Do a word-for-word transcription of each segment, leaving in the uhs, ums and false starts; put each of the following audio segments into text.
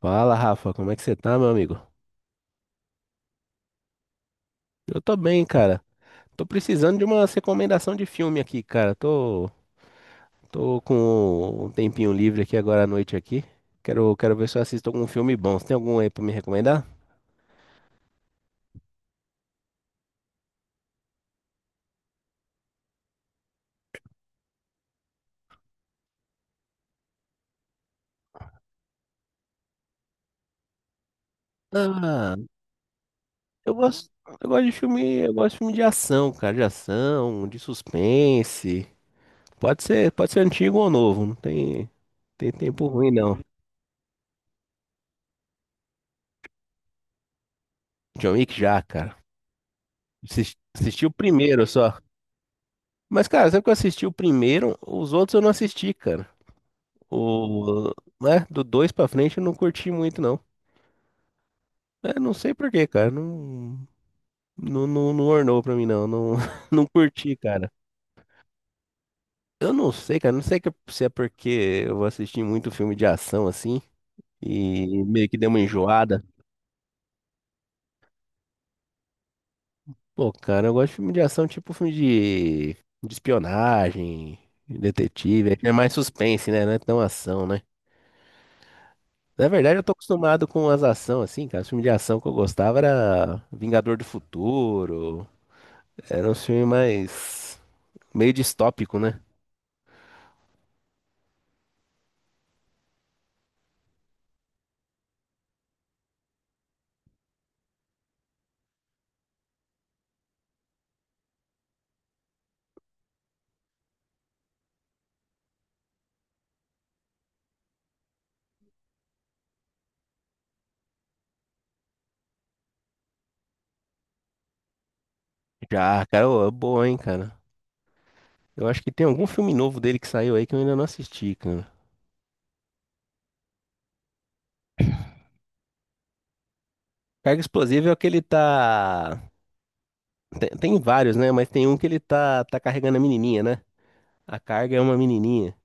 Fala, Rafa, como é que você tá, meu amigo? Eu tô bem, cara. Tô precisando de uma recomendação de filme aqui, cara. Tô, tô com um tempinho livre aqui agora à noite aqui. Quero, quero ver se eu assisto algum filme bom. Você tem algum aí pra me recomendar? Ah, eu gosto, eu gosto de filme, eu gosto de filme de ação, cara, de ação, de suspense. Pode ser, pode ser antigo ou novo, não tem, tem tempo ruim não. John Wick já, cara. Assisti, assisti o primeiro só. Mas, cara, sempre que eu assisti o primeiro, os outros eu não assisti, cara. O, né, do dois pra frente eu não curti muito, não. É, não sei por quê, cara. Não, não, não, não ornou pra mim, não. Não, não curti, cara. Eu não sei, cara. Não sei que- se é porque eu assisti muito filme de ação, assim, e meio que deu uma enjoada. Pô, cara, eu gosto de filme de ação, tipo filme de, de espionagem, detetive. É mais suspense, né? Não é tão ação, né? Na verdade, eu tô acostumado com as ações, assim, cara. Os filmes de ação que eu gostava era Vingador do Futuro. Era um filme mais meio distópico, né? Já, cara, ô, é boa, hein, cara. Eu acho que tem algum filme novo dele que saiu aí que eu ainda não assisti, cara. Carga Explosiva é o que ele tá. Tem, tem vários, né? Mas tem um que ele tá, tá carregando a menininha, né? A carga é uma menininha.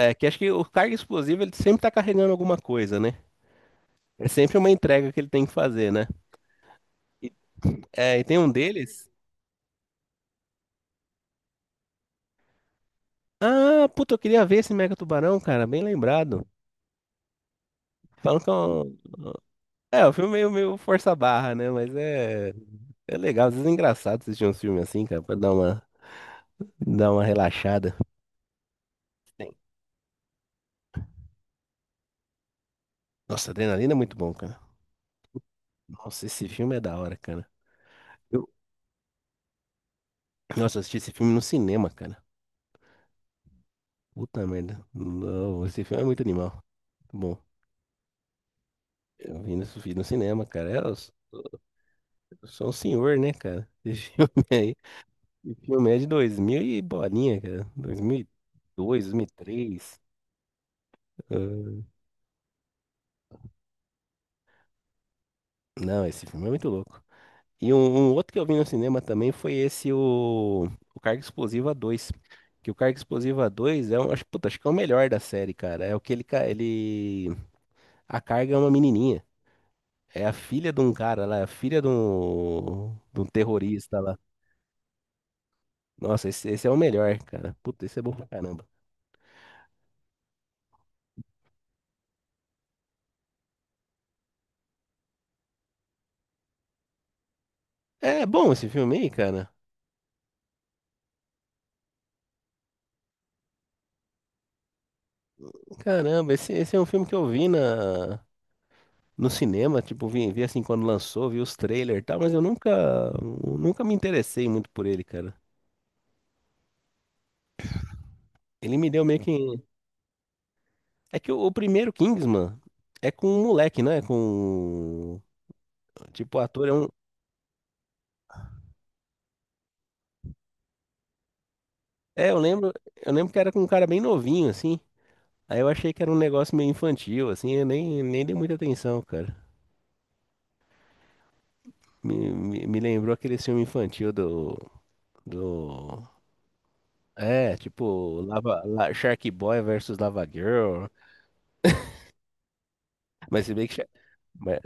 É, que acho que o carga explosivo ele sempre tá carregando alguma coisa, né? É sempre uma entrega que ele tem que fazer, né? E, é, e tem um deles. Ah, puta, eu queria ver esse Mega Tubarão, cara, bem lembrado. Falam que é um, é um filme meio, meio força a barra, né? Mas é, é legal, às vezes é engraçado assistir um filme assim, cara, pra dar uma, dar uma relaxada. Tem. Nossa, Adrenalina é muito bom, cara. Nossa, esse filme é da hora, cara. Eu, nossa, eu assisti esse filme no cinema, cara. Puta merda. Não, esse filme é muito animal. Bom, eu vi no, vi no cinema, cara. É, eu, sou eu sou um senhor, né, cara? Esse filme aí. O filme é de dois mil e bolinha, cara. dois mil e dois, dois mil e três. Ah, não, esse filme é muito louco. E um, um outro que eu vi no cinema também foi esse, o, o Carga Explosiva dois. Que o Carga Explosiva dois é um, acho, puta, acho que é o melhor da série, cara. É o que ele, ca- ele... A Carga é uma menininha. É a filha de um cara lá, é a filha de um, de um terrorista lá. Nossa, esse, esse é o melhor, cara. Puta, esse é bom pra caramba. É bom esse filme aí, cara. Caramba, esse, esse é um filme que eu vi na. No cinema, tipo, vi, vi assim quando lançou, vi os trailers e tal, mas eu nunca, nunca me interessei muito por ele, cara. Ele me deu meio que. É que o, o primeiro Kingsman é com um moleque, né? Com. Tipo, o ator é um. É, eu lembro, eu lembro que era com um cara bem novinho, assim. Aí eu achei que era um negócio meio infantil, assim, eu nem, nem dei muita atenção, cara. Me, me, me lembrou aquele filme infantil do, do... É, tipo, Lava, La- Shark Boy versus Lava Girl. Mas se bem que, Sha- ma-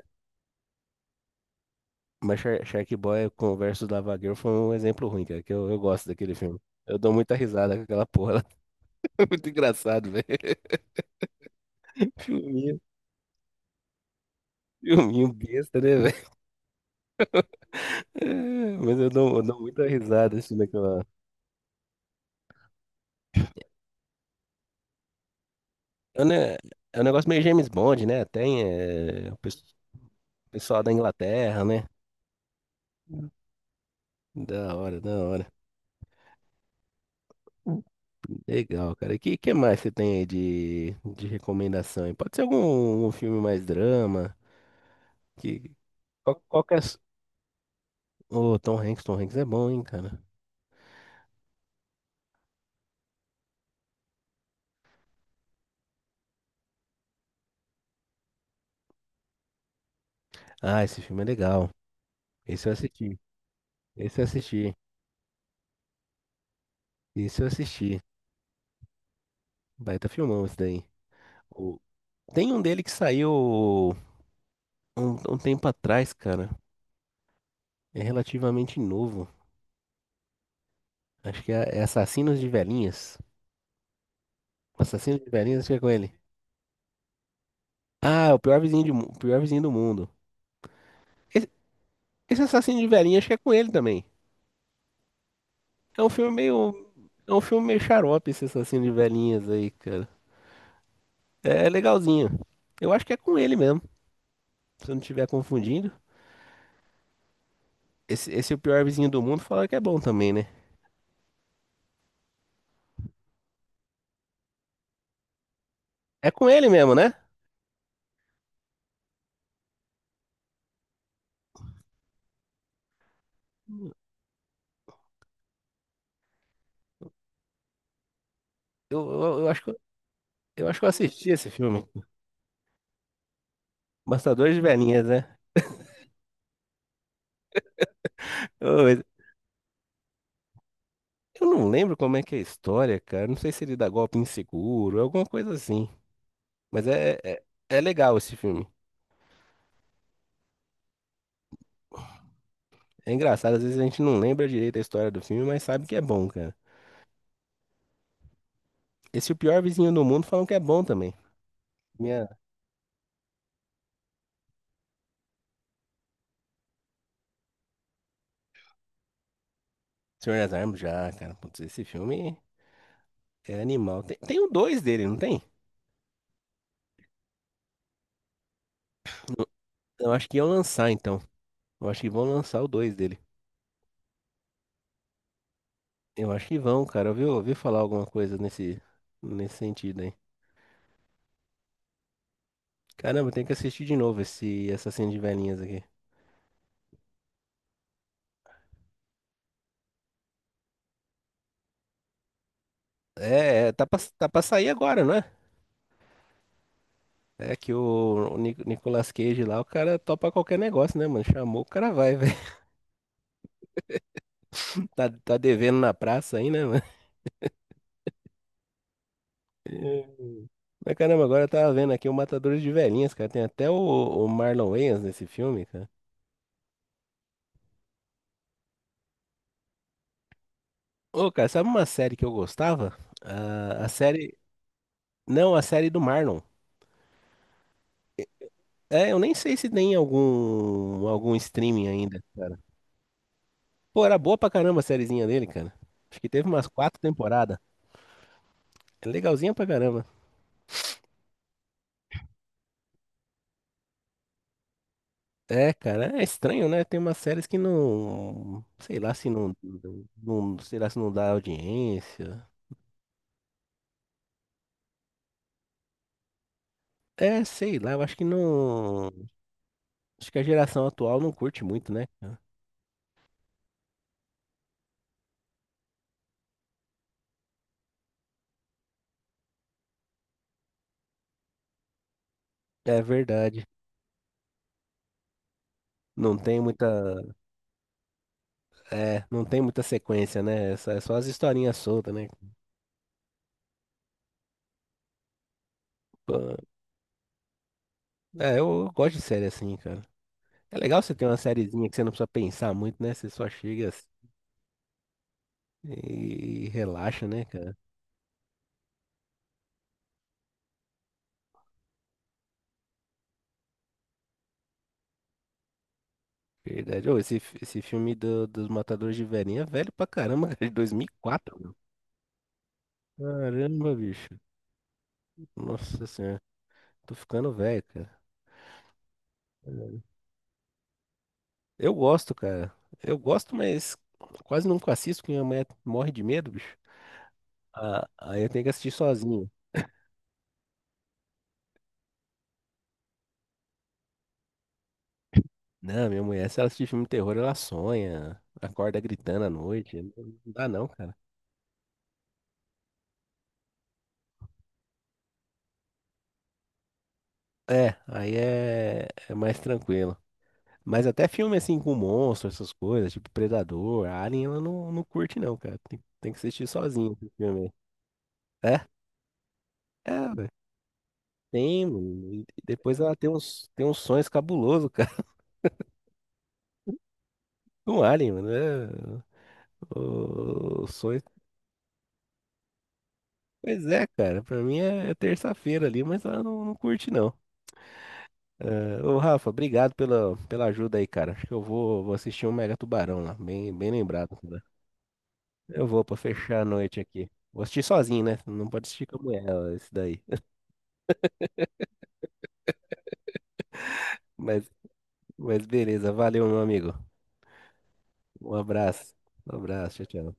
mas Shark Shark Boy com o versus Lava Girl foi um exemplo ruim, cara, que eu, eu gosto daquele filme. Eu dou muita risada com aquela porra lá. É muito engraçado, velho. Filminho, filminho besta, né, velho? É, mas eu dou, eu dou muita risada assistindo aquela. É um ne- é um negócio meio James Bond, né? Tem é, o pes- pessoal da Inglaterra, né? Da hora, da hora. Legal, cara. E que, que mais você tem aí de, de recomendação? Aí? Pode ser algum um filme mais drama? Que, qual, qual que é. Ô, Tom Hanks, Tom Hanks é bom, hein, cara. Ah, esse filme é legal. Esse eu assisti. Esse eu assisti. Esse eu assisti. Baita filmão esse daí. O- Tem um dele que saiu um, um tempo atrás, cara. É relativamente novo. Acho que é é Assassinos de Velhinhas. Assassinos de Velhinhas, acho que é com ele. Ah, é o pior vizinho, de, mu- o pior vizinho do mundo. Esse, esse Assassino de Velhinhas, acho que é com ele também. É um filme meio. É um filme meio xarope esse Assassino de Velhinhas aí, cara. É legalzinho. Eu acho que é com ele mesmo. Se eu não estiver confundindo. Esse, esse é o pior vizinho do mundo fala que é bom também, né? É com ele mesmo, né? Eu, eu, eu acho que, eu eu acho que eu assisti esse filme. Bastadores de Velhinhas, né? Ô, mas eu não lembro como é que é a história, cara. Não sei se ele dá golpe inseguro, alguma coisa assim. Mas é, é, é legal esse filme. É engraçado, às vezes a gente não lembra direito a história do filme, mas sabe que é bom, cara. Esse é o pior vizinho do mundo falam que é bom também. Minha. Senhor das Armas já, cara. Putz, esse filme é animal. Tem, tem o dois dele, não tem? Eu acho que iam lançar, então. Eu acho que vão lançar o dois dele. Eu acho que vão, cara. Eu ouvi, ouvi falar alguma coisa nesse, nesse sentido aí. Caramba, tem que assistir de novo esse Assassino de Velhinhas aqui. É, é, tá pra, tá pra sair agora, não é? É que o, o Ni- Nicolas Cage lá, o cara topa qualquer negócio, né, mano? Chamou, o cara vai, velho. Tá, tá devendo na praça aí, né, mano? É. Mas caramba, agora eu tava vendo aqui o Matadores de Velhinhas, cara. Tem até o, o Marlon Wayans nesse filme, cara. Ô, cara, sabe uma série que eu gostava? A, a série. Não, a série do Marlon. É, eu nem sei se tem algum algum streaming ainda, cara. Pô, era boa pra caramba a sériezinha dele, cara. Acho que teve umas quatro temporadas. É legalzinha pra caramba. É, cara, é estranho, né? Tem umas séries que não, sei lá se não, não, sei lá se não dá audiência. É, sei lá, eu acho que não, acho que a geração atual não curte muito, né, cara? É verdade. Não tem muita, é, não tem muita sequência, né? É só é só as historinhas soltas, né? Pô, é, eu gosto de série assim, cara. É legal você ter uma sériezinha que você não precisa pensar muito, né? Você só chega assim e relaxa, né, cara? Verdade. Ô, esse, fi- esse filme do- dos Matadores de Velhinha é velho pra caramba, cara, de dois mil e quatro, meu. Caramba, bicho. Nossa senhora. Tô ficando velho, cara. Eu gosto, cara. Eu gosto, mas quase nunca assisto, porque minha mulher morre de medo, bicho. Ah, aí eu tenho que assistir sozinho. Não, minha mulher, se ela assistir filme de terror, ela sonha, acorda gritando à noite. Não dá, não. É, aí é, é mais tranquilo. Mas até filme assim com monstro, essas coisas, tipo Predador, Alien, ela não, não curte não, cara. Tem, tem que assistir sozinho esse filme. Aí. É? É, velho. Tem, mano. E depois ela tem uns, tem uns sonhos cabulosos, cara, com Alien, mano. É, o- os sonhos. Pois é, cara. Pra mim é, é terça-feira ali, mas ela não, não curte não. É, ô, Rafa, obrigado pela, pela ajuda aí, cara. Acho que eu vou, vou assistir um Mega Tubarão lá. Bem, bem lembrado. Eu vou pra fechar a noite aqui. Vou assistir sozinho, né? Não pode assistir com a mulher, ó, isso daí. Mas, mas beleza, valeu, meu amigo. Um abraço. Um abraço, tchau, tchau.